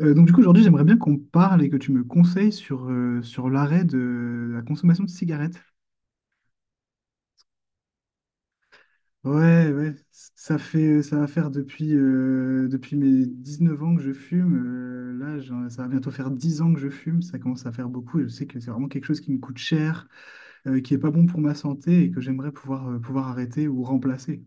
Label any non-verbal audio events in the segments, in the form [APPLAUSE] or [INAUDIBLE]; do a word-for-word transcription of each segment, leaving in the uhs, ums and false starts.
Euh, donc du coup, aujourd'hui, j'aimerais bien qu'on parle et que tu me conseilles sur, euh, sur l'arrêt de la consommation de cigarettes. Ouais, ouais, ça fait, ça va faire depuis, euh, depuis mes dix-neuf ans que je fume. Euh, là, j'en- ça va bientôt faire dix ans que je fume. Ça commence à faire beaucoup et je sais que c'est vraiment quelque chose qui me coûte cher, euh, qui est pas bon pour ma santé et que j'aimerais pouvoir, euh, pouvoir arrêter ou remplacer.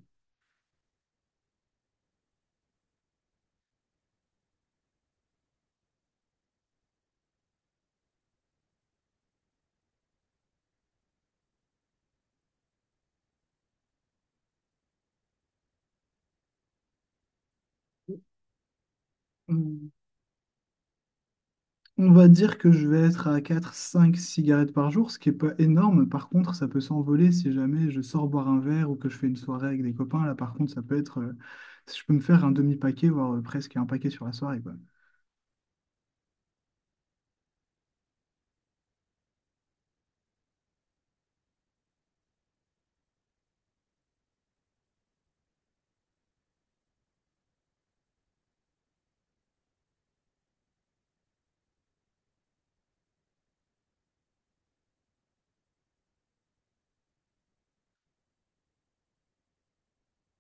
Hmm. On va dire que je vais être à quatre cinq cigarettes par jour, ce qui est pas énorme. Par contre, ça peut s'envoler si jamais je sors boire un verre ou que je fais une soirée avec des copains. Là, par contre, ça peut être, euh, je peux me faire un demi-paquet, voire euh, presque un paquet sur la soirée, quoi.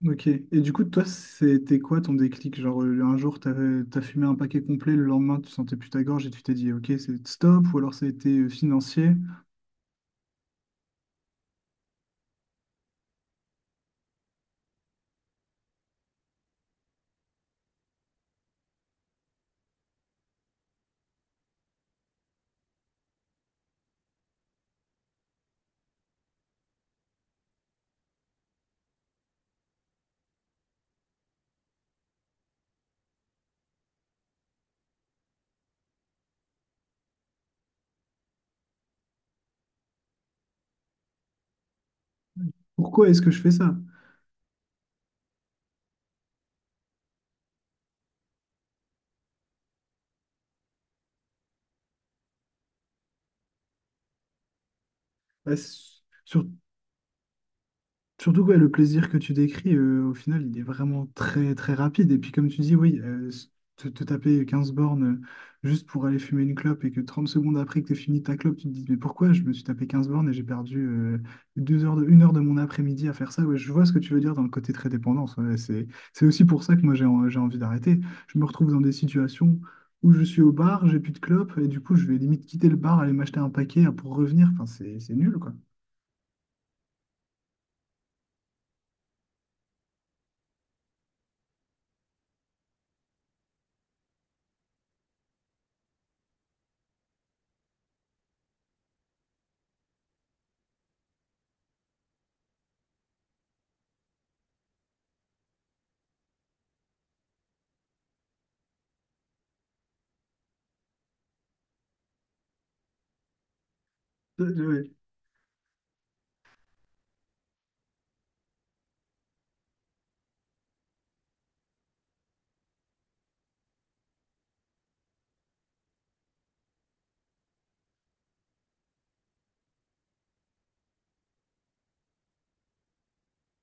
Ok. Et du coup, toi, c'était quoi ton déclic? Genre, euh, un jour, t'avais, t'as fumé un paquet complet, le lendemain, tu sentais plus ta gorge et tu t'es dit, ok, c'est stop, ou alors ça a été euh, financier. Pourquoi est-ce que je fais ça? Bah, s- sur- surtout ouais, le plaisir que tu décris, euh, au final, il est vraiment très très rapide. Et puis comme tu dis, oui, euh, s- te, te taper quinze bornes euh, juste pour aller fumer une clope et que trente secondes après que tu fini ta clope, tu te dis, mais pourquoi je me suis tapé quinze bornes et j'ai perdu euh, deux heures de, une heure de mon après-midi à faire ça? Ouais, je vois ce que tu veux dire dans le côté très dépendance. Ouais, c'est, c'est aussi pour ça que moi j'ai en- j'ai envie d'arrêter. Je me retrouve dans des situations où je suis au bar, j'ai plus de clope, et du coup je vais limite quitter le bar, aller m'acheter un paquet pour revenir. Enfin, c'est c'est nul, quoi. Ouais.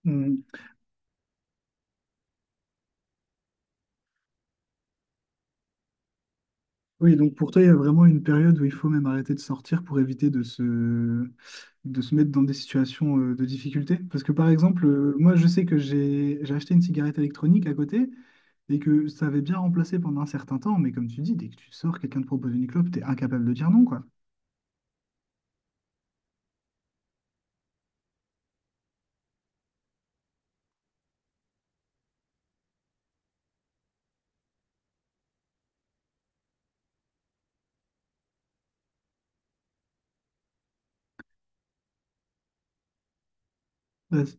Mm. Oui, donc pour toi, il y a vraiment une période où il faut même arrêter de sortir pour éviter de se, de se mettre dans des situations euh, de difficulté. Parce que par exemple, euh, moi, je sais que j'ai j'ai acheté une cigarette électronique à côté et que ça avait bien remplacé pendant un certain temps. Mais comme tu dis, dès que tu sors, quelqu'un te propose une clope, t'es incapable de dire non, quoi. Ouais, c'est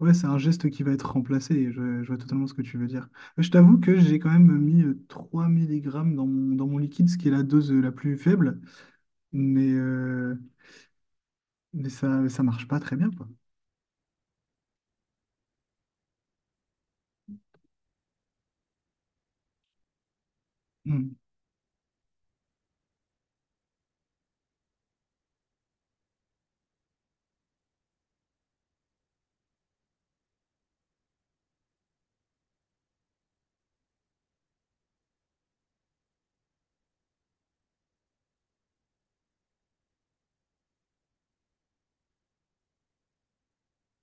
ouais, c'est un geste qui va être remplacé. Je, je vois totalement ce que tu veux dire. Je t'avoue que j'ai quand même mis euh, trois milligrammes dans mon, dans mon liquide, ce qui est la dose euh, la plus faible. Mais, euh, mais ça, ça marche pas très bien, quoi. Mmh.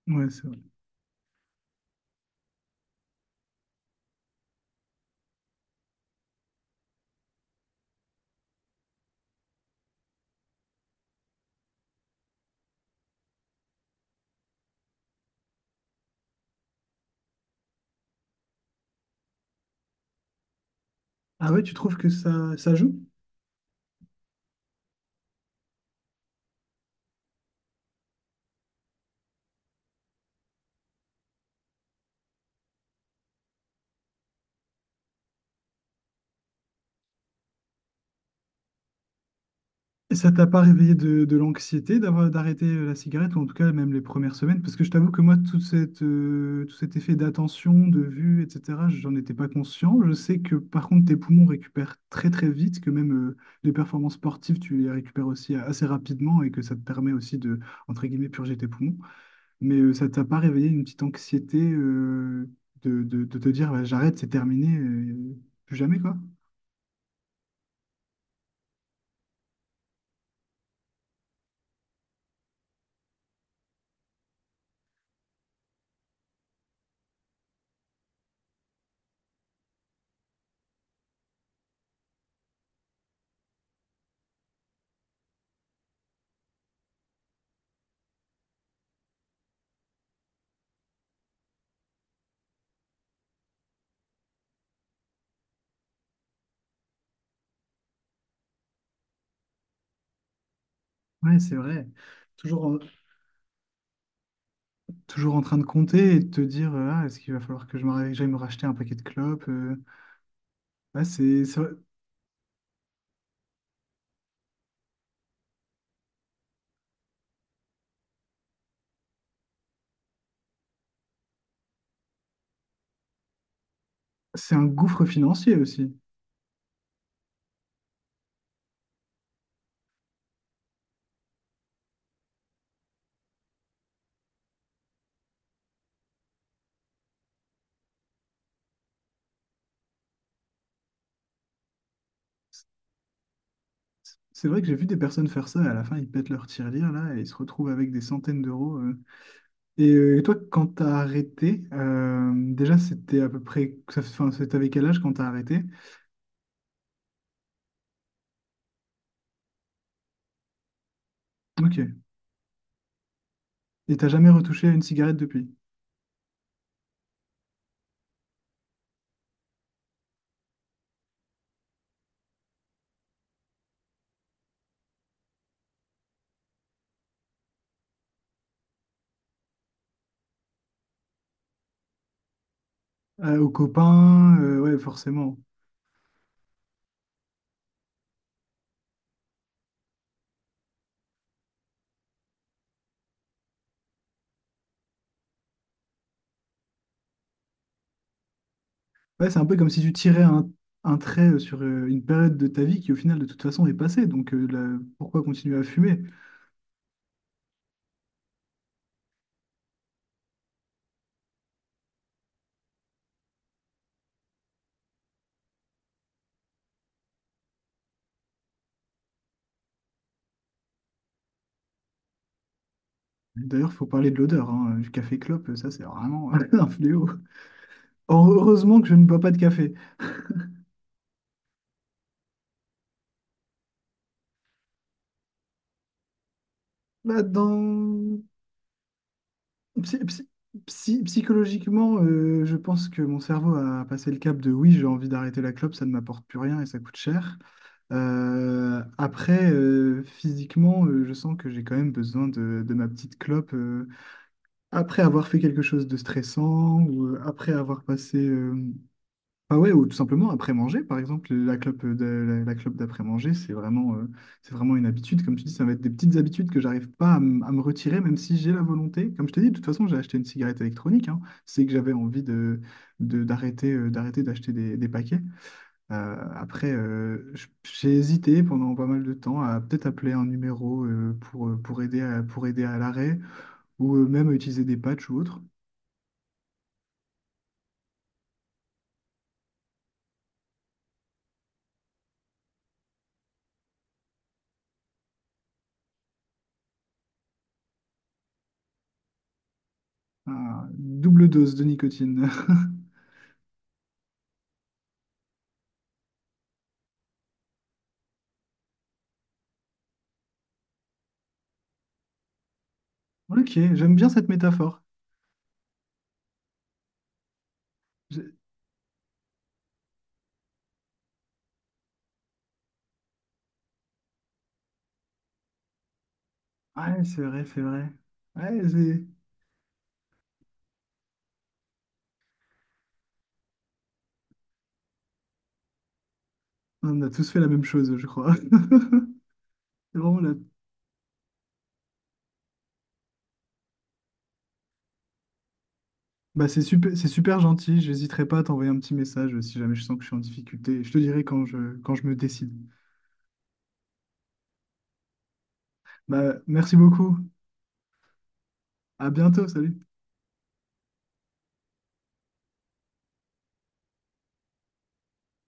Ouais, c'est vrai. Ah ouais, tu trouves que ça, ça joue? Et ça t'a pas réveillé de, de l'anxiété d'avoir d'arrêter euh, la cigarette, ou en tout cas même les premières semaines? Parce que je t'avoue que moi, toute cette, euh, tout cet effet d'attention, de vue, et cetera, j'en étais pas conscient. Je sais que par contre, tes poumons récupèrent très très vite, que même euh, les performances sportives, tu les récupères aussi euh, assez rapidement et que ça te permet aussi de, entre guillemets, purger tes poumons. Mais euh, ça t'a pas réveillé une petite anxiété euh, de, de, de te dire, bah, j'arrête, c'est terminé, euh, plus jamais, quoi. Ouais, c'est vrai. Toujours en, Toujours en train de compter et de te dire, euh, ah, est-ce qu'il va falloir que je me, j'aille me racheter un paquet de clopes? euh. Ouais, c'est, c'est, c'est un gouffre financier aussi. C'est c'est vrai que j'ai vu des personnes faire ça et à la fin, ils pètent leur tirelire là et ils se retrouvent avec des centaines d'euros. euh. Et, euh, toi, quand t'as arrêté, euh, déjà, c'était à peu près, ça, enfin, c'était avec quel âge quand t'as arrêté? Ok. Et t'as jamais retouché à une cigarette depuis? Euh, aux copains, euh, ouais, forcément. Ouais, c'est un peu comme si tu tirais un, un trait euh, sur euh, une période de ta vie qui, au final, de toute façon, est passée. Donc, euh, la- pourquoi continuer à fumer? D'ailleurs, il faut parler de l'odeur, hein, du café clope, euh, ça, c'est vraiment [LAUGHS] un fléau. Or- Heureusement que je ne bois pas de café. Là, dans... psy- psy- psy- Psychologiquement, euh, je pense que mon cerveau a passé le cap de oui, j'ai envie d'arrêter la clope, ça ne m'apporte plus rien et ça coûte cher. Euh, après, euh, physiquement, euh, je sens que j'ai quand même besoin de, de ma petite clope. euh, Après avoir fait quelque chose de stressant, ou euh, après avoir passé... euh, Ah ouais, ou tout simplement après manger, par exemple, la clope de- la, la clope d'après-manger, c'est vraiment, euh, c'est vraiment une habitude. Comme tu dis, ça va être des petites habitudes que j'arrive pas à, m- à me retirer, même si j'ai la volonté. Comme je t'ai dit, de toute façon, j'ai acheté une cigarette électronique, hein. C'est que j'avais envie de, de- d'arrêter, euh, d'arrêter d'acheter des, des paquets. Euh, après, euh, j- j'ai hésité pendant pas mal de temps à peut-être appeler un numéro euh, pour, pour aider à- pour aider à l'arrêt, ou euh, même utiliser des patchs ou autre. Ah, double dose de nicotine. [LAUGHS] Ok, j'aime bien cette métaphore. J'ai- Ouais, c'est vrai, c'est vrai. Ouais, c'est- On a tous fait la même chose, je crois. [LAUGHS] C'est vraiment la- Bah, c'est super, c'est super gentil. J'hésiterai pas à t'envoyer un petit message si jamais je sens que je suis en difficulté. Je te dirai quand je, quand je me décide. Bah, merci beaucoup. À bientôt. Salut.